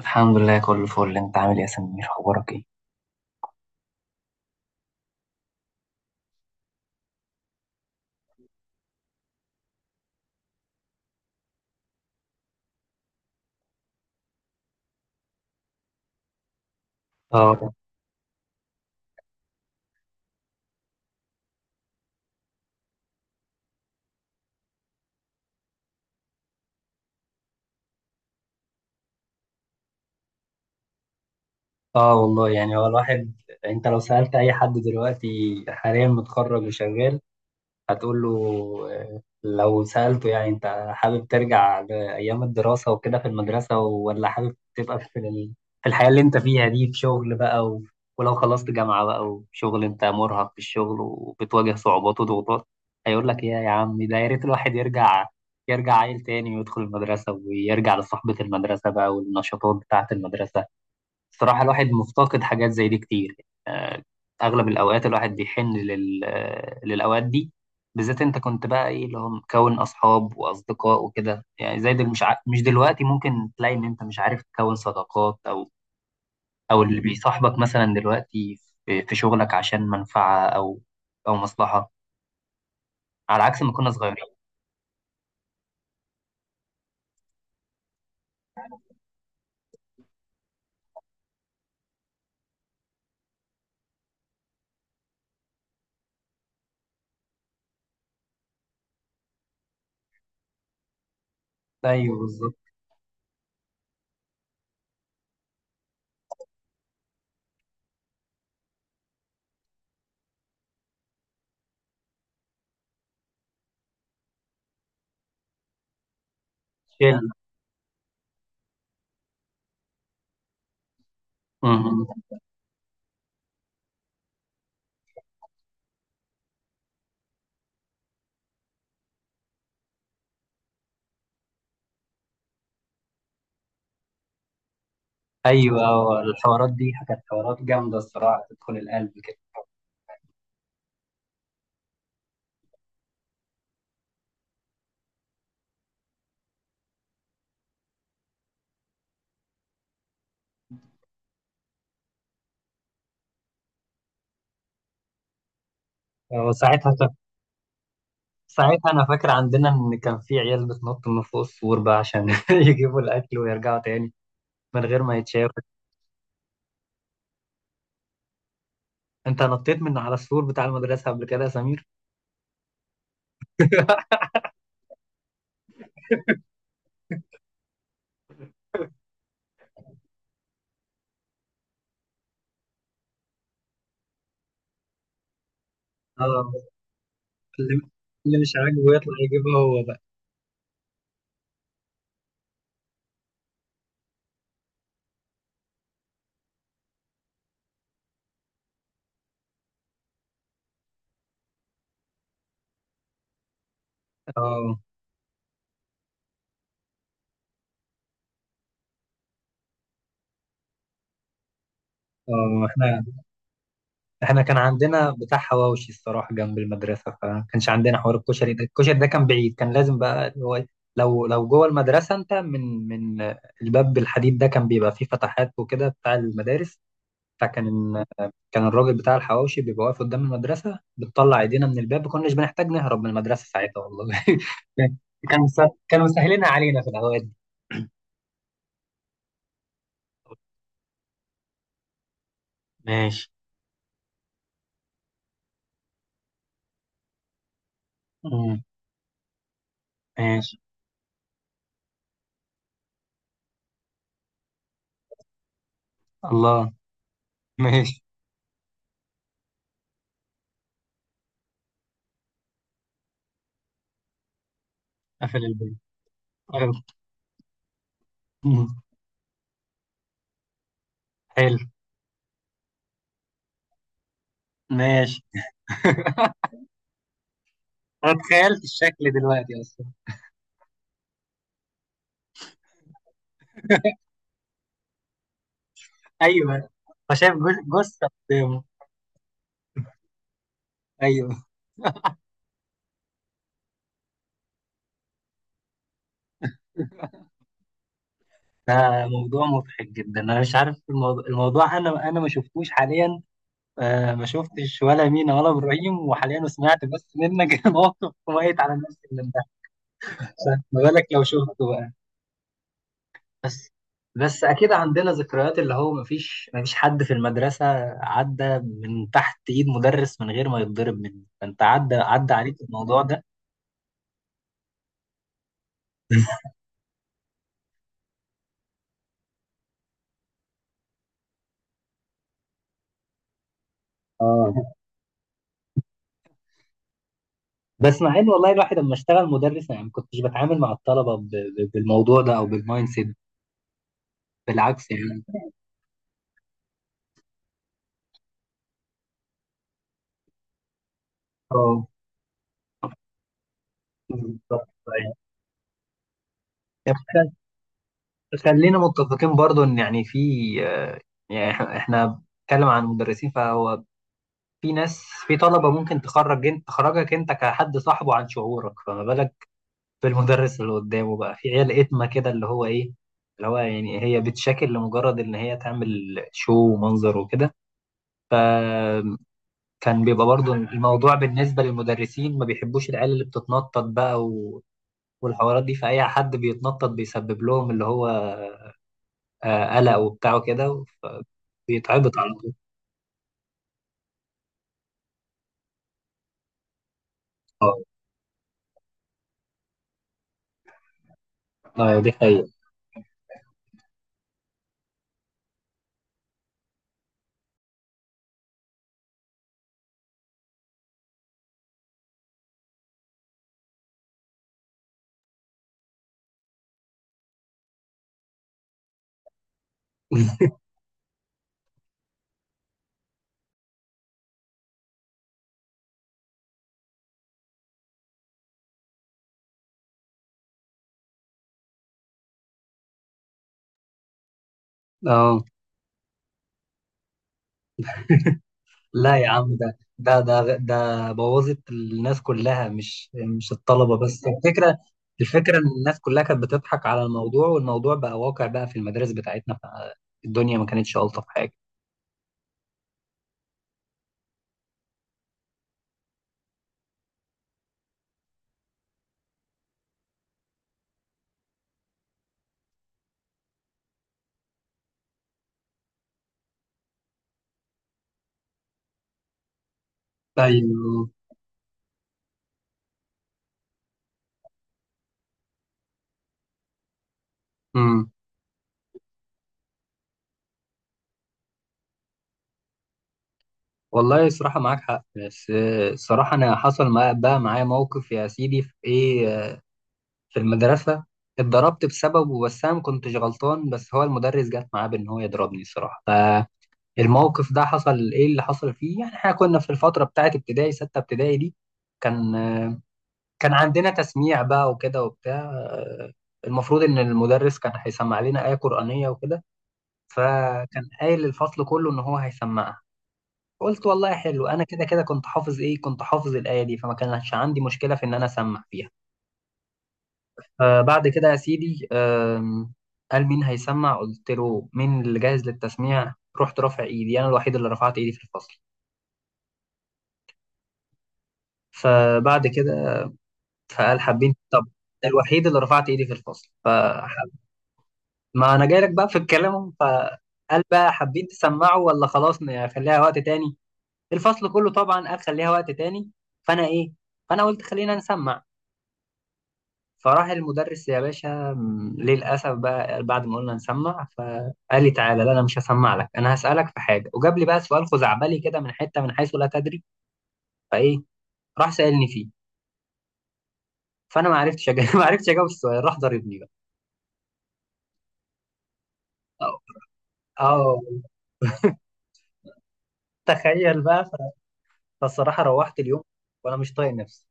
الحمد لله، كله فل. انت عامل ايه يا سمير؟ اخبارك ايه؟ اه، اه. والله، يعني هو الواحد. انت لو سألت اي حد دلوقتي حاليا متخرج وشغال، هتقول له لو سألته يعني انت حابب ترجع لأيام الدراسة وكده في المدرسة، ولا حابب تبقى في الحياة اللي انت فيها دي في شغل بقى ولو خلصت جامعة بقى وشغل، انت مرهق في الشغل وبتواجه صعوبات وضغوطات، هيقول لك يا عم، ده يا ريت الواحد يرجع عيل تاني، ويدخل المدرسة ويرجع لصحبة المدرسة بقى والنشاطات بتاعة المدرسة. الصراحة الواحد مفتقد حاجات زي دي كتير. آه، أغلب الأوقات الواحد بيحن لل... آه، للأوقات دي. بالذات أنت كنت بقى إيه اللي هو مكون أصحاب وأصدقاء وكده، يعني زي دل مش دلوقتي ممكن تلاقي إن أنت مش عارف تكون صداقات، أو اللي بيصاحبك مثلا دلوقتي في شغلك عشان منفعة، أو مصلحة، على عكس ما كنا صغيرين. أيوه، بالظبط. شل مهم. أيوه. الحوارات دي كانت حوارات جامدة الصراحة، تدخل القلب كده. وساعتها انا فاكر عندنا ان كان في عيال بتنط من فوق السور بقى عشان يجيبوا الاكل ويرجعوا تاني من غير ما يتشافوا. انت نطيت من على السور بتاع المدرسه قبل كده يا سمير؟ اه. اللي اللي مش عاجبه يطلع يجيبها هو بقى. اه، اه. احنا كان عندنا بتاع حواوشي الصراحه جنب المدرسه، فما كانش عندنا حوار الكشري ده كان بعيد، كان لازم بقى اللي هو إيه، لو جوه المدرسه، انت من الباب الحديد ده كان بيبقى فيه فتحات وكده بتاع المدارس. فكان الراجل بتاع الحواوشي بيبقى واقف قدام المدرسة، بتطلع ايدينا من الباب، ما كناش بنحتاج نهرب من المدرسة ساعتها والله. كانوا مسهلينها علينا في الأوقات دي. ماشي. مم. ماشي. الله. ماشي. قفل الباب. قفل. مم. حلو. ماشي. أنا تخيلت الشكل دلوقتي أصلا. أيوه. فشايف جثة قدامه. أيوه. ده موضوع مضحك جدا، أنا مش عارف الموضوع أنا ما شفتوش حاليا. آه، ما شفتش ولا مينا ولا ابراهيم، وحاليا سمعت بس منك. موقف كويس على الناس اللي انبهت. ما بالك لو شفته بقى. بس بس اكيد عندنا ذكريات، اللي هو ما فيش حد في المدرسه عدى من تحت ايد مدرس من غير ما يتضرب منه، فانت عدى عليك الموضوع ده. اه. بس مع ان والله الواحد لما اشتغل مدرس يعني ما كنتش بتعامل مع الطلبه بالموضوع ده او بالمايند سيت، بالعكس يعني. اه، بالظبط. خلينا متفقين برضو ان يعني في، آه، يعني احنا بنتكلم عن مدرسين، فهو في ناس، في طلبة ممكن تخرجك انت كحد صاحبه عن شعورك، فما بالك بالمدرس اللي قدامه بقى في عيال اتمة كده، اللي هو ايه، اللي هو يعني هي بتشاكل لمجرد ان هي تعمل شو ومنظر وكده. فكان بيبقى برضو الموضوع بالنسبة للمدرسين ما بيحبوش العيال اللي بتتنطط بقى والحوارات دي فأي حد بيتنطط بيسبب لهم اللي هو قلق وبتاع وكده، بيتعبط على طول. اه، اه، دي حقيقة. اه. لا يا عم، ده بوظت الناس كلها، مش الطلبة بس. الفكرة، الفكرة ان الناس كلها كانت بتضحك على الموضوع والموضوع بقى واقع بقى في المدارس بتاعتنا، فالدنيا ما كانتش ألطف حاجة. ايوه. امم والله صراحة معاك حق، بس الصراحة انا حصل بقى معايا موقف يا سيدي في ايه، في المدرسة. اتضربت بسببه، بس أنا ما كنتش غلطان، بس هو المدرس جت معاه بإن هو يضربني الصراحة. فالموقف ده حصل إيه اللي حصل فيه، يعني إحنا كنا في الفترة بتاعة ابتدائي ستة ابتدائي دي، كان كان عندنا تسميع بقى وكده وبتاع. المفروض إن المدرس كان هيسمع لنا آية قرآنية وكده، فكان قايل للفصل كله إن هو هيسمعها. قلت والله حلو، أنا كده كده كنت حافظ إيه، كنت حافظ الآية دي، فما كانش عندي مشكلة في إن أنا أسمع فيها. آه، بعد كده يا سيدي، قال مين هيسمع؟ قلت له مين اللي جاهز للتسميع؟ رحت رافع ايدي، انا الوحيد اللي رفعت ايدي في الفصل. فبعد كده فقال حابين، طب الوحيد اللي رفعت ايدي في الفصل فحب. ما انا جاي لك بقى في الكلام أهو. فقال بقى حابين تسمعوا ولا خلاص نخليها وقت تاني؟ الفصل كله طبعا قال خليها وقت تاني. فانا ايه فانا قلت خلينا نسمع. فراح المدرس يا باشا، للأسف بقى بعد ما قلنا نسمع فقال لي تعالى، لا أنا مش هسمع لك، أنا هسألك في حاجة، وجاب لي بقى سؤال خزعبلي كده من حتة من حيث لا تدري. فإيه راح سألني فيه، فأنا ما عرفتش أجاوب. ما عرفتش أجاوب السؤال، راح ضربني بقى. أه، آه، تخيل بقى فالصراحة روحت اليوم وأنا مش طايق نفسي.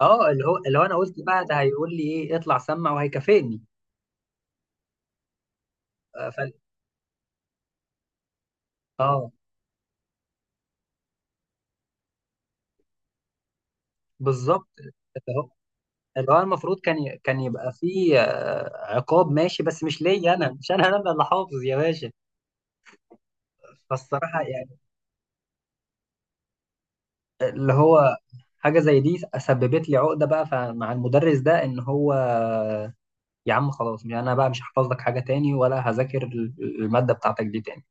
أه، اللي هو أنا قلت بقى ده هيقول لي إيه، اطلع سمع وهيكافئني. آه، ف... أه، بالظبط. اللي هو المفروض كان يبقى فيه عقاب ماشي، بس مش ليا انا، مش انا اللي حافظ يا باشا. فالصراحه يعني، اللي هو حاجه زي دي سببت لي عقده بقى مع المدرس ده ان هو يا عم خلاص، يعني انا بقى مش هحفظ لك حاجه تاني ولا هذاكر الماده بتاعتك دي تاني.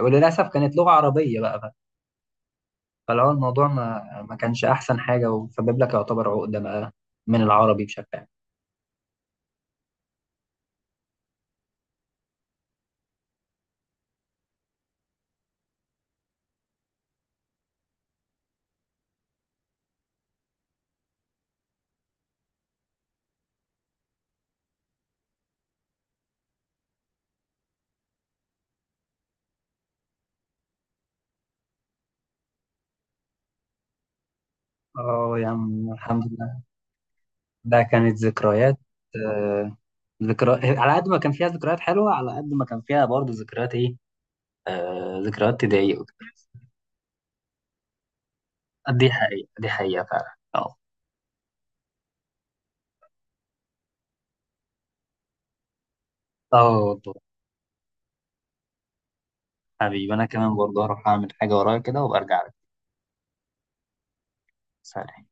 وللاسف كانت لغه عربيه بقى فاللي هو الموضوع ما كانش احسن حاجه وسبب لك يعتبر عقده بقى من العربي بشكل عام. اه يا عم الحمد لله، ده كانت ذكريات. آه ذكرى على قد ما كان فيها ذكريات حلوة، على قد ما كان فيها برضه ذكريات إيه، ذكريات تضايق وكده. دي حقيقة، دي حقيقة فعلا. اه. اه والله. حبيبي أنا كمان برضه هروح أعمل حاجة ورايا كده وبرجع لك. سلام.